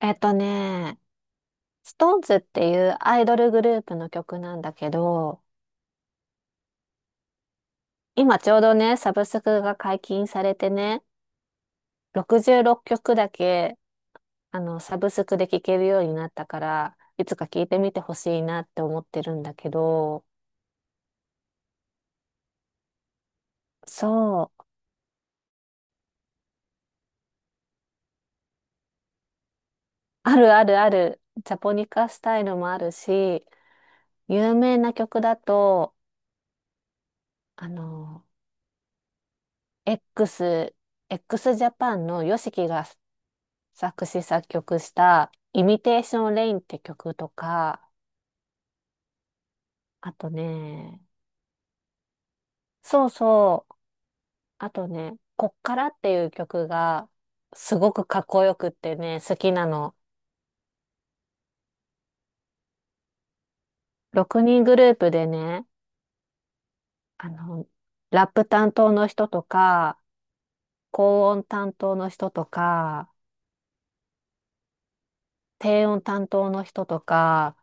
えっとね、ストーンズっていうアイドルグループの曲なんだけど、今ちょうどね、サブスクが解禁されてね、66曲だけ、サブスクで聴けるようになったから、いつか聴いてみてほしいなって思ってるんだけど、そう、あるあるある、ジャポニカスタイルもあるし、有名な曲だと、あの、X、x ジャパンのヨシキが作詞作曲したイミテーションレインって曲とか、あとね、そうそう、あとね、こっからっていう曲がすごくかっこよくってね、好きなの。6人グループでね、あの、ラップ担当の人とか、高音担当の人とか、低音担当の人とか、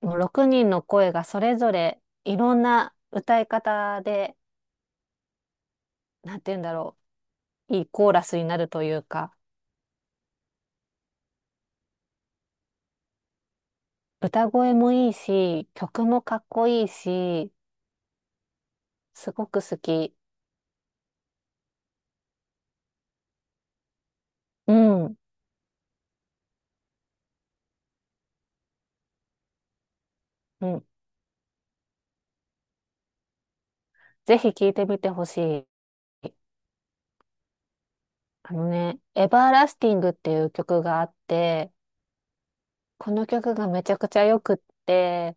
もう6人の声がそれぞれいろんな歌い方で、なんて言うんだろう、いいコーラスになるというか、歌声もいいし、曲もかっこいいし、すごく好き。うん、うん。ぜひ聴いてみてほしい。あのね、エバーラスティングっていう曲があって、この曲がめちゃくちゃよくって、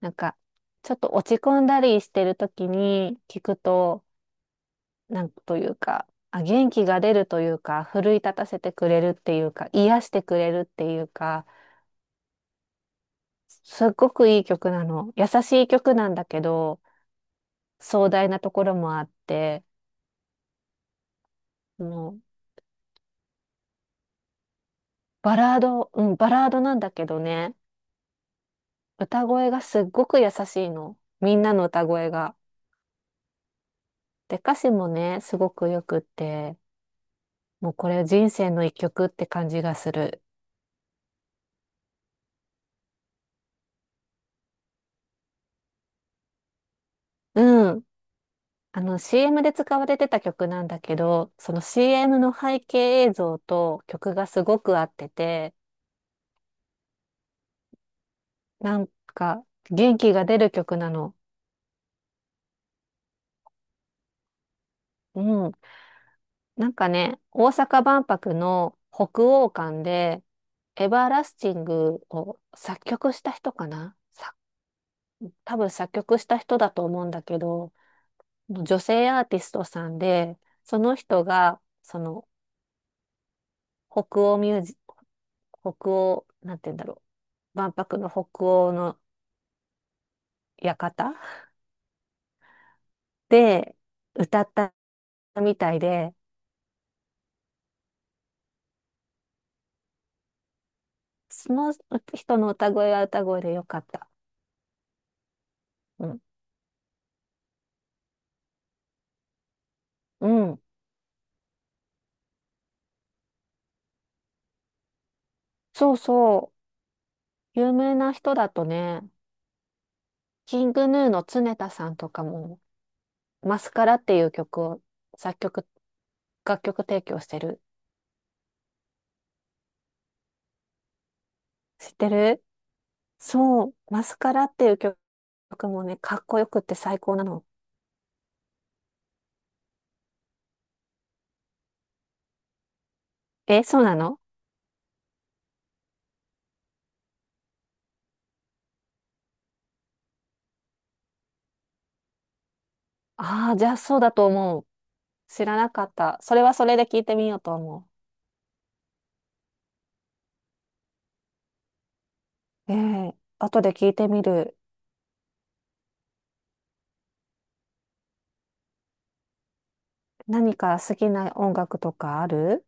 なんか、ちょっと落ち込んだりしてる時に聴くと、なんというか、あ、元気が出るというか、奮い立たせてくれるっていうか、癒してくれるっていうか、すっごくいい曲なの。優しい曲なんだけど、壮大なところもあって、もうバラード、うん、バラードなんだけどね、歌声がすっごく優しいの。みんなの歌声が。で、歌詞もね、すごくよくって、もうこれ人生の一曲って感じがする。うん。あの CM で使われてた曲なんだけど、その CM の背景映像と曲がすごく合ってて、なんか元気が出る曲なの。うん。なんかね、大阪万博の北欧館で、エバーラスティングを作曲した人かなさ多分作曲した人だと思うんだけど、女性アーティストさんで、その人が、北欧ミュージ、北欧、なんて言うんだろう。万博の北欧の館で歌ったみたいで、その人の歌声は歌声でよかった。うん。うん。そうそう。有名な人だとね、キングヌーの常田さんとかも、マスカラっていう曲を作曲、楽曲提供してる。知ってる。そう、マスカラっていう曲もね、かっこよくって最高なの。え、そうなの。ああー、じゃあそうだと思う。知らなかった。それはそれで聞いてみようと思う。ええ、後で聞いてみる。何か好きな音楽とかある？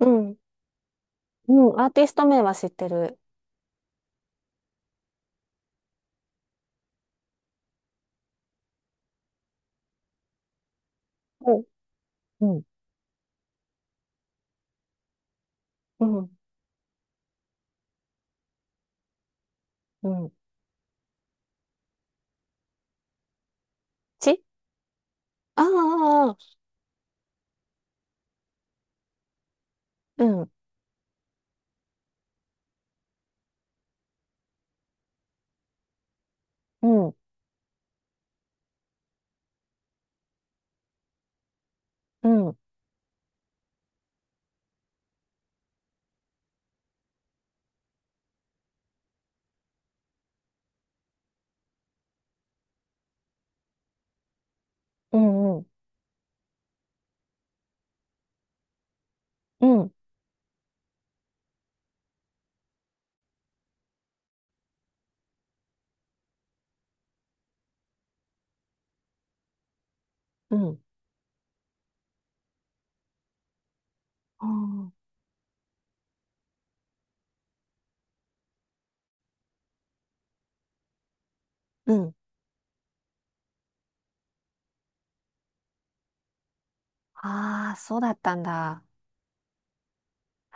うん。うん、アーティスト名は知ってる。うん。うん。うん。うん。ち、ああー、うん。うん。うん。うん。うん。うん。うん。あー、うん。ああ、そうだったんだ。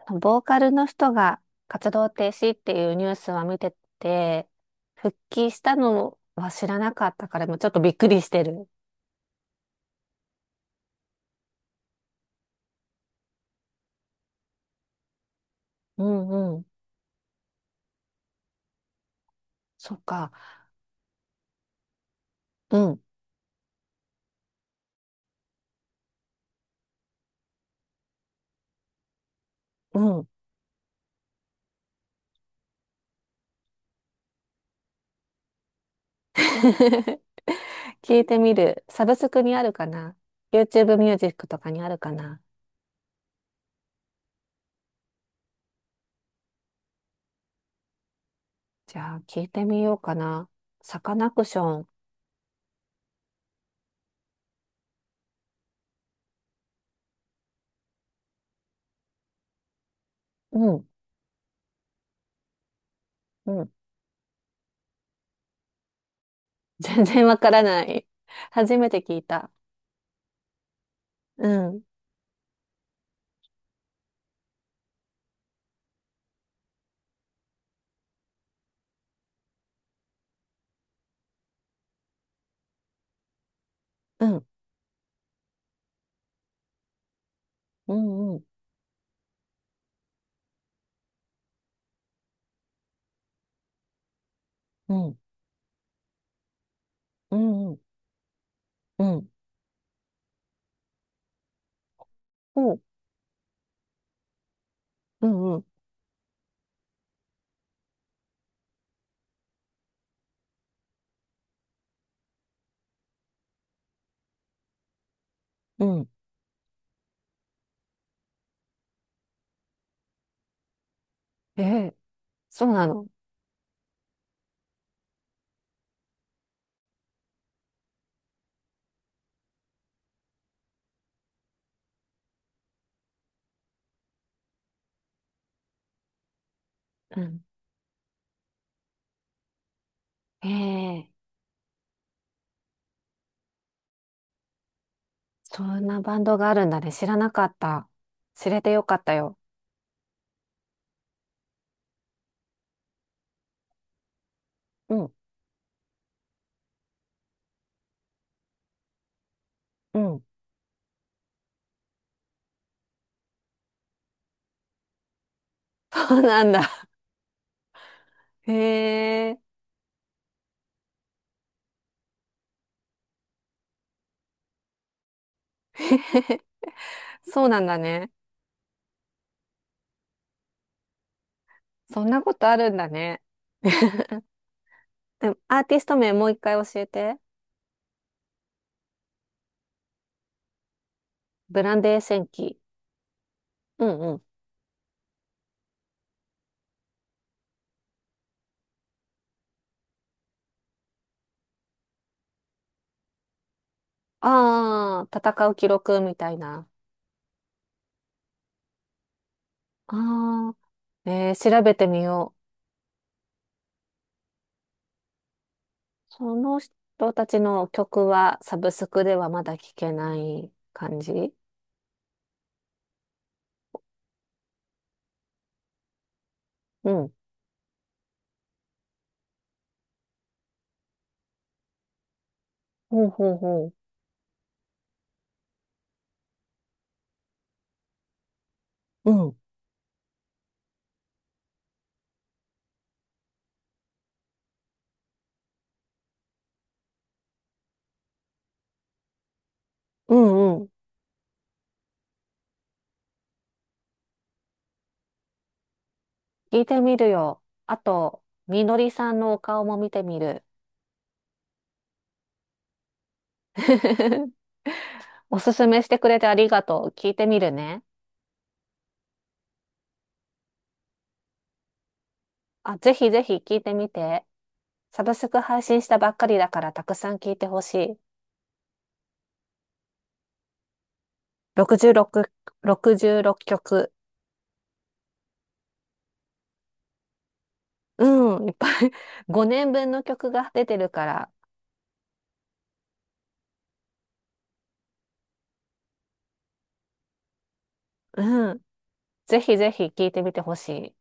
あの、ボーカルの人が活動停止っていうニュースは見てて、復帰したのは知らなかったから、もうちょっとびっくりしてる。うんうん。そっか。うん。うん。聞いてみる。サブスクにあるかな？ YouTube ミュージックとかにあるかな？じゃあ、聞いてみようかな。サカナクション。うん。うん。 全然わからない。初めて聞いた。うん、うん、うん、うん、うん、うん、うん、おう、うん、うん、うん。ええ、そうなの。うん。ええ、そんなバンドがあるんだね。知らなかった。知れてよかったよ。うん、うん。そうなんだ。へえ。そうなんだね。そんなことあるんだね。でもアーティスト名もう一回教えて。ブランデー戦記。うんうん。ああ、戦う記録みたいな。ああ、えー調べてみよう。その人たちの曲はサブスクではまだ聴けない感じ？うん。ほうほうほう。うん。うんうん。聞いてみるよ。あと、みのりさんのお顔も見てみる。おすすめしてくれてありがとう。聞いてみるね。あ、ぜひぜひ聞いてみて。サブスク配信したばっかりだからたくさん聞いてほしい。66、66曲。うん、いっぱい。 5年分の曲が出てるから、うん、ぜひぜひ聴いてみてほしい。